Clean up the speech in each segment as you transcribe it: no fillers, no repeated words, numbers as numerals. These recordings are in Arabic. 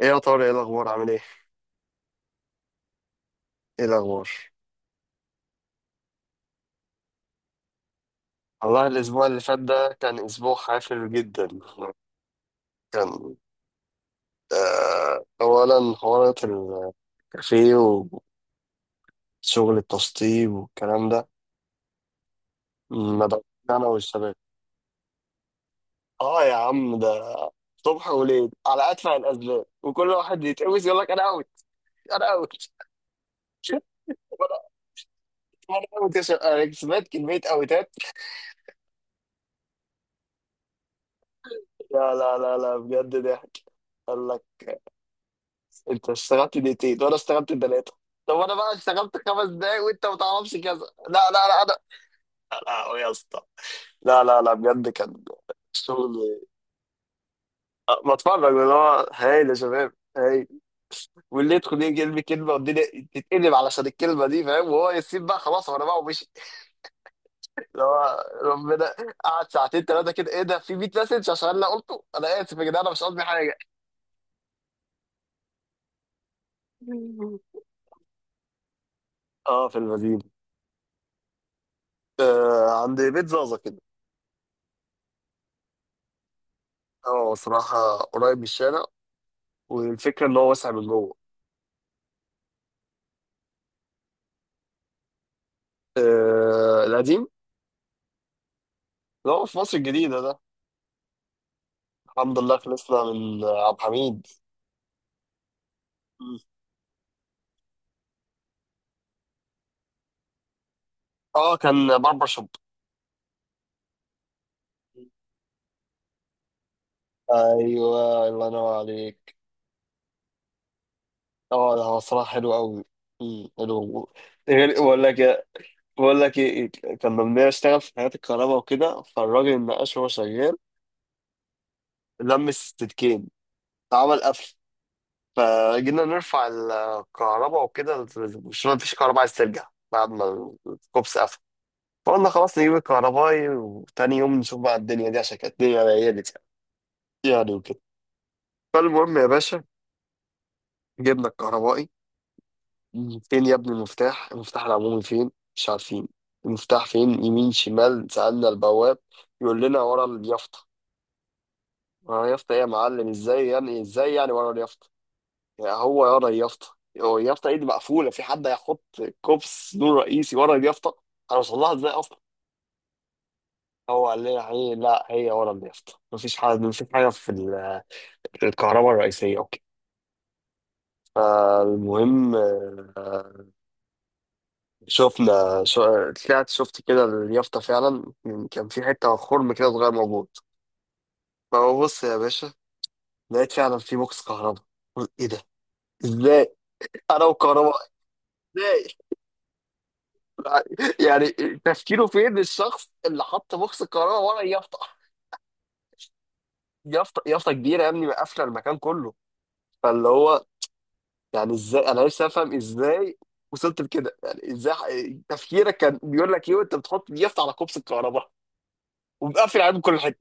ايه يا طارق، ايه الاخبار، عامل ايه؟ ايه الاخبار؟ والله الاسبوع اللي فات ده كان اسبوع حافل جدا. كان آه اولا حوارات الكافيه وشغل التشطيب والكلام ده ما بقى. انا والشباب، اه يا عم، ده صبح وليل على ادفع الاسباب وكل واحد يتقوس يقول لك انا اوت. انا اوت. انا أنا اوت يا شباب. انا سمعت كميه اوتات. لا، لا، لا، لا، بجد ضحك. قال لك انت اشتغلت دقيقتين وانا اشتغلت ثلاثه. طب انا بقى اشتغلت خمس دقايق وانت ما تعرفش كذا. لا، لا، لا، لا يا اسطى. لا، لا، لا، بجد شغل. بتفرج اللي هو هايل يا شباب، هايل. واللي يدخل يجي يرمي كلمه والدنيا تتقلب علشان الكلمه دي، فاهم؟ وهو يسيب بقى خلاص وانا بقى ومشي، اللي هو ربنا. قعد ساعتين ثلاثه كده، ايه ده، في 100 مسج عشان انا قلته انا اسف يا جدعان، انا مش قصدي حاجه. اه في المدينه. آه عند بيت زازا كده. هو صراحة قريب من الشارع، والفكرة إن هو واسع من جوه. آه القديم. اللي هو في مصر الجديدة ده، الحمد لله خلصنا من عبد الحميد. مم. اه كان باربر شوب. ايوه الله ينور عليك. اه ده هو صراحة حلو قوي. مم، حلو. غير بقول لك إيه- بقول لك ايه؟ كان لما اشتغل في حياة الكهرباء وكده، فالراجل النقاش وهو شغال لم السلكين عمل قفل. فجينا نرفع الكهرباء وكده، مش مفيش كهرباء عايز ترجع بعد ما الكوبس قفل. فقلنا خلاص نجيب الكهربائي وتاني يوم نشوف بقى الدنيا دي، عشان كانت الدنيا ليلت يعني وكده. فالمهم يا باشا، جبنا الكهربائي. فين يا ابني المفتاح، المفتاح العمومي فين؟ مش عارفين المفتاح فين، يمين شمال. سألنا البواب، يقول لنا ورا اليافطة. ورا اليافطة ايه يا معلم؟ ازاي يعني، ازاي يعني ورا اليافطة؟ يا هو يا اليافطه، هو اليافطه ايه دي مقفوله، في حد هيحط كوبس نور رئيسي ورا اليافطه؟ هنوصل لها ازاي اصلا؟ هو قال لنا هي، لا هي ورا اليافطه، مفيش حاجه، مفيش حاجه في الكهرباء الرئيسيه، اوكي؟ فالمهم شفنا طلعت شفت كده اليافطه فعلا، كان في حته خرم كده صغير موجود. فببص يا باشا، لقيت فعلا في بوكس كهرباء. قلت ايه ده؟ ازاي؟ انا وكهرباء؟ ازاي؟ يعني تفكيره فين الشخص اللي حط بوكس الكهرباء ورا يافطه؟ يافطه كبيره يا ابني، قافله المكان كله. فاللي هو يعني ازاي؟ انا نفسي افهم ازاي وصلت لكده يعني. ازاي تفكيرك كان بيقول لك ايه وانت بتحط اليافطه على كوبس الكهرباء ومقفل عليه من كل حته؟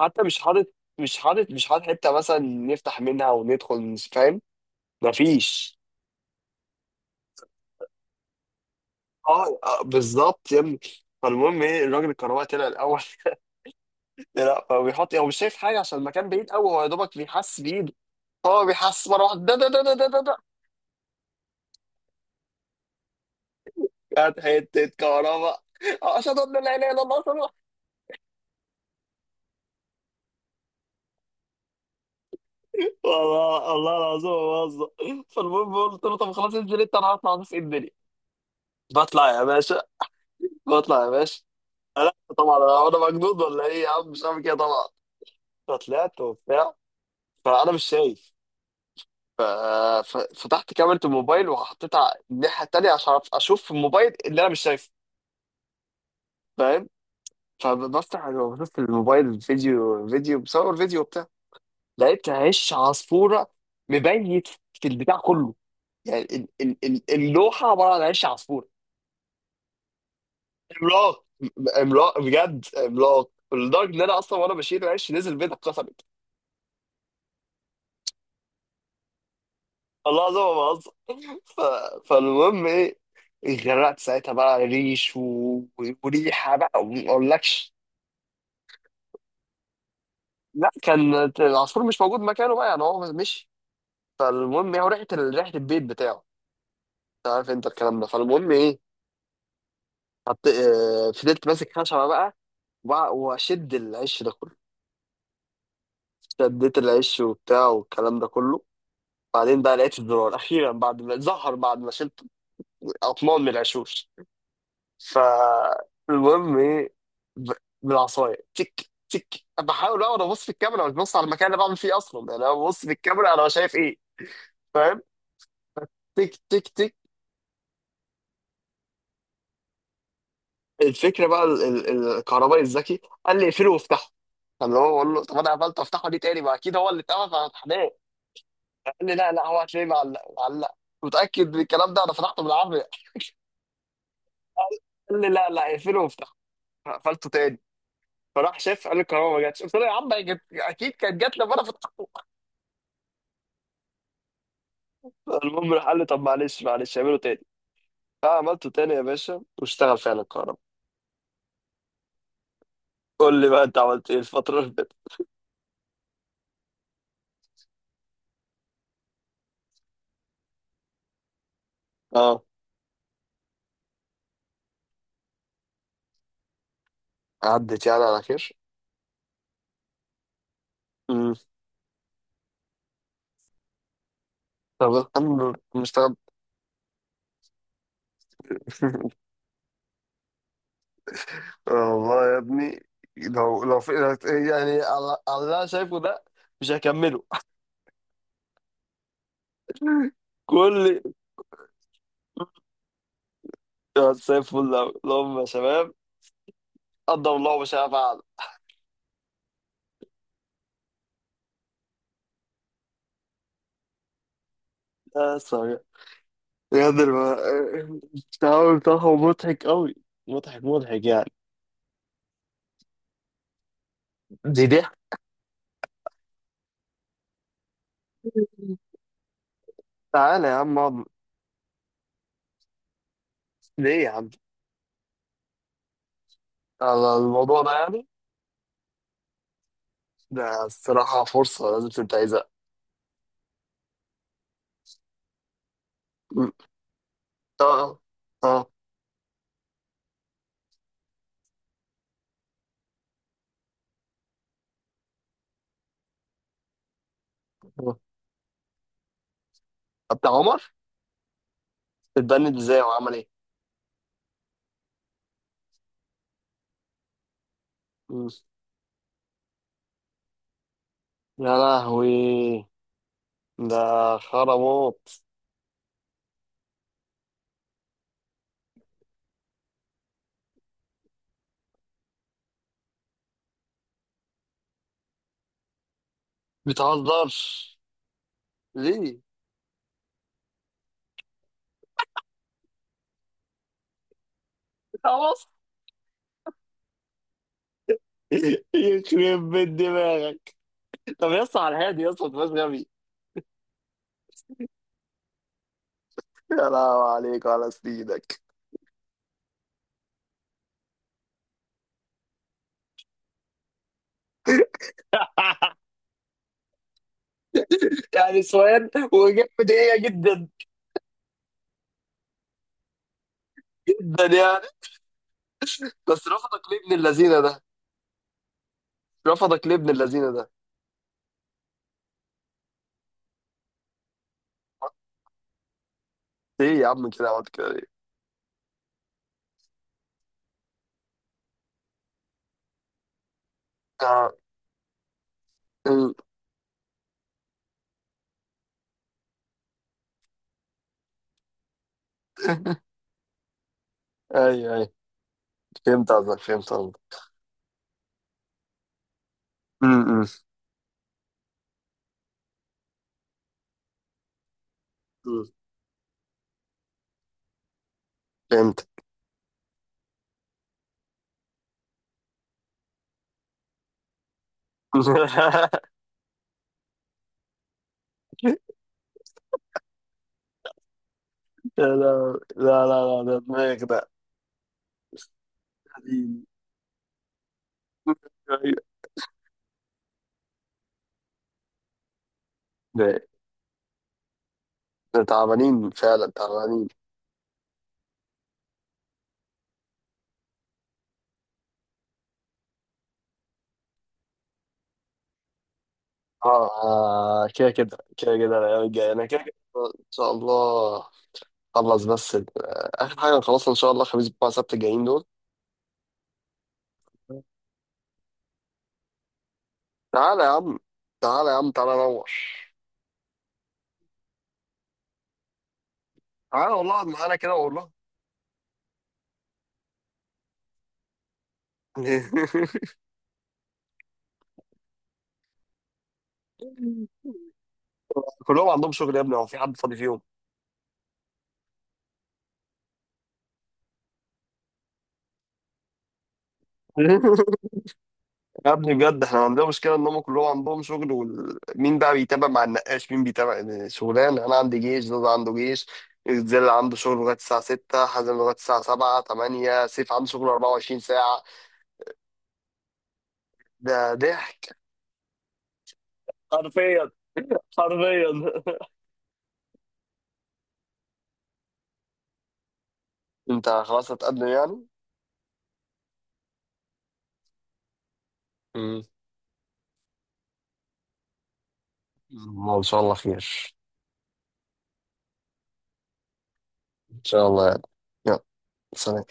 حتى مش حاطط، مش حاطط حته مثلا نفتح منها وندخل. مش فاهم، مفيش. اه بالظبط يا ابني. فالمهم ايه، الراجل الكهرباء طلع الاول. لا هو بيحط، هو مش شايف حاجه، عشان المكان بعيد قوي، هو يا دوبك بيحس بايده. هو بيحس مرة واحدة، ده ده ده ده ده ده ده، كانت حتة كهرباء. أشهد أن لا إله إلا الله، صلى الله. والله الله العظيم ما بهزر. فالمهم قلت له طب خلاص، انزل أنت، أنا هطلع أشوف إيه الدنيا. بطلع يا باشا، بطلع يا باشا. لا طبعا، أنا هو أنا مجنون ولا إيه يا عم؟ مش عارف كده طبعا. فطلعت وبتاع، فأنا مش شايف. ف- ففتحت كاميرا الموبايل وحطيتها على الناحية التانية عشان أعرف أشوف في الموبايل اللي أنا مش شايفه، فاهم؟ فبفتح بشوف في الموبايل، فيديو، فيديو بصور فيديو وبتاع، لقيت هش عصفوره مبيت في البتاع كله. يعني ال ال ال اللوحه عباره عن هش عصفوره عملاق. عملاق بجد، عملاق لدرجه ان انا اصلا وانا بشيل العش نزل بيتي اتكسرت. الله العظيم ما بهزر. ف... فالمهم ايه، اتغرقت ساعتها بقى ريش وريحه بقى وما اقولكش. لا كان العصفور مش موجود مكانه بقى، يعني هو مشي. فالمهم ايه، هو ريحه ريحه البيت بتاعه. انت عارف انت الكلام ده. فالمهم ايه، فضلت ماسك خشبه بقى واشد العش ده كله. شديت العش وبتاع والكلام ده كله، بعدين بقى لقيت الزرار اخيرا بعد ما ظهر، بعد ما شلت اطنان من العشوش. فالمهم ايه، ب- بالعصايه، تك تك، بحاول اقعد ابص في الكاميرا، مش ببص على المكان اللي بعمل فيه اصلا، يعني انا ببص في الكاميرا انا شايف ايه، فاهم؟ تك تك تك. الفكره بقى، الكهربائي الذكي قال لي اقفله وافتحه. فاللي هو بقول له طب انا قفلت وافتحه دي تاني، ما اكيد هو اللي اتقفل فهتحناه. قال لي لا لا، هو هتلاقيه معلق معلق. متأكد من الكلام ده، انا فتحته بالعافية. قال لي لا لا، اقفله وافتحه. قفلته تاني، فراح شاف، قال لي الكهرباء ما جاتش. قلت له يا عم هي جت، اكيد كانت جات لما انا فتحته. المهم راح قال لي طب معلش معلش اعمله تاني. فعملته تاني يا باشا واشتغل فعلا الكهرباء. قول لي بقى انت عملت ايه الفترة اللي فاتت. اه. عدت يعني على خير. امم. طب الحمد لله. مستغرب. والله يا ابني، لو في يعني، على اللي انا شايفه ده، مش هكمله. كل، يا زي الفل أوي اللهم يا شباب. قدم الله وشاء فعل. يا سلام. بجد التعامل بتاعهم مضحك أوي، مضحك مضحك يعني. دي ضحك. تعالى يا عم اقعد. ليه يا عم؟ على الموضوع ده يعني. ده الصراحة فرصة لازم تنتهزها. م. اه. اه. اه بتاع عمر. اتبند ازاي وعمل ايه؟ م. يا لهوي، ده خرموط. بتهزرش؟ ليه؟ خلاص. يخرب بيت دماغك. طب يا اسطى على الهادي يا اسطى، ما تبقاش غبي. يا لهوي عليك وعلى سنينك. يعني سؤال وإجابة بدقيقة، جدا جدا يعني. بس رفضك ليه ابن اللذينه ده؟ رفضك ليه ابن اللذينه ده؟ ايه يا عم كده، عملت كده ليه؟ اه. أمم. اي اي، فهمت قصدك، فهمت قصدك. أمم، أمم، أمم. فهمت. يا لهوي. لا لا لا، ده دماغك ده. أيوة. ده، ده تعبانين فعلا، تعبانين. اه كده كده كده كده الايام الجايه انا كده كده ان شاء الله. خلص بس اخر حاجه نخلصها ان شاء الله خميس بتوع سبت الجايين دول. تعالى يا عم، تعالى يا عم، تعالى نور. تعالى والله اقعد معانا كده والله. كلهم عندهم شغل يا ابني، هو في حد فاضي فيهم؟ يا ابني بجد احنا عندنا مشكله ان هم كلهم عندهم شغل، ومين بقى بيتابع مع النقاش؟ مين بيتابع يعني شغلانه؟ انا عندي جيش، زوز عنده جيش، زل عنده شغل لغايه الساعه 6، حازم لغايه الساعه 7 8، سيف عنده شغل 24 ساعه. ده ضحك حرفيا، حرفيا. انت خلاص هتقدم يعني؟ امم. ما ان شاء الله خير. ان شاء الله يعني. يلا، سلام.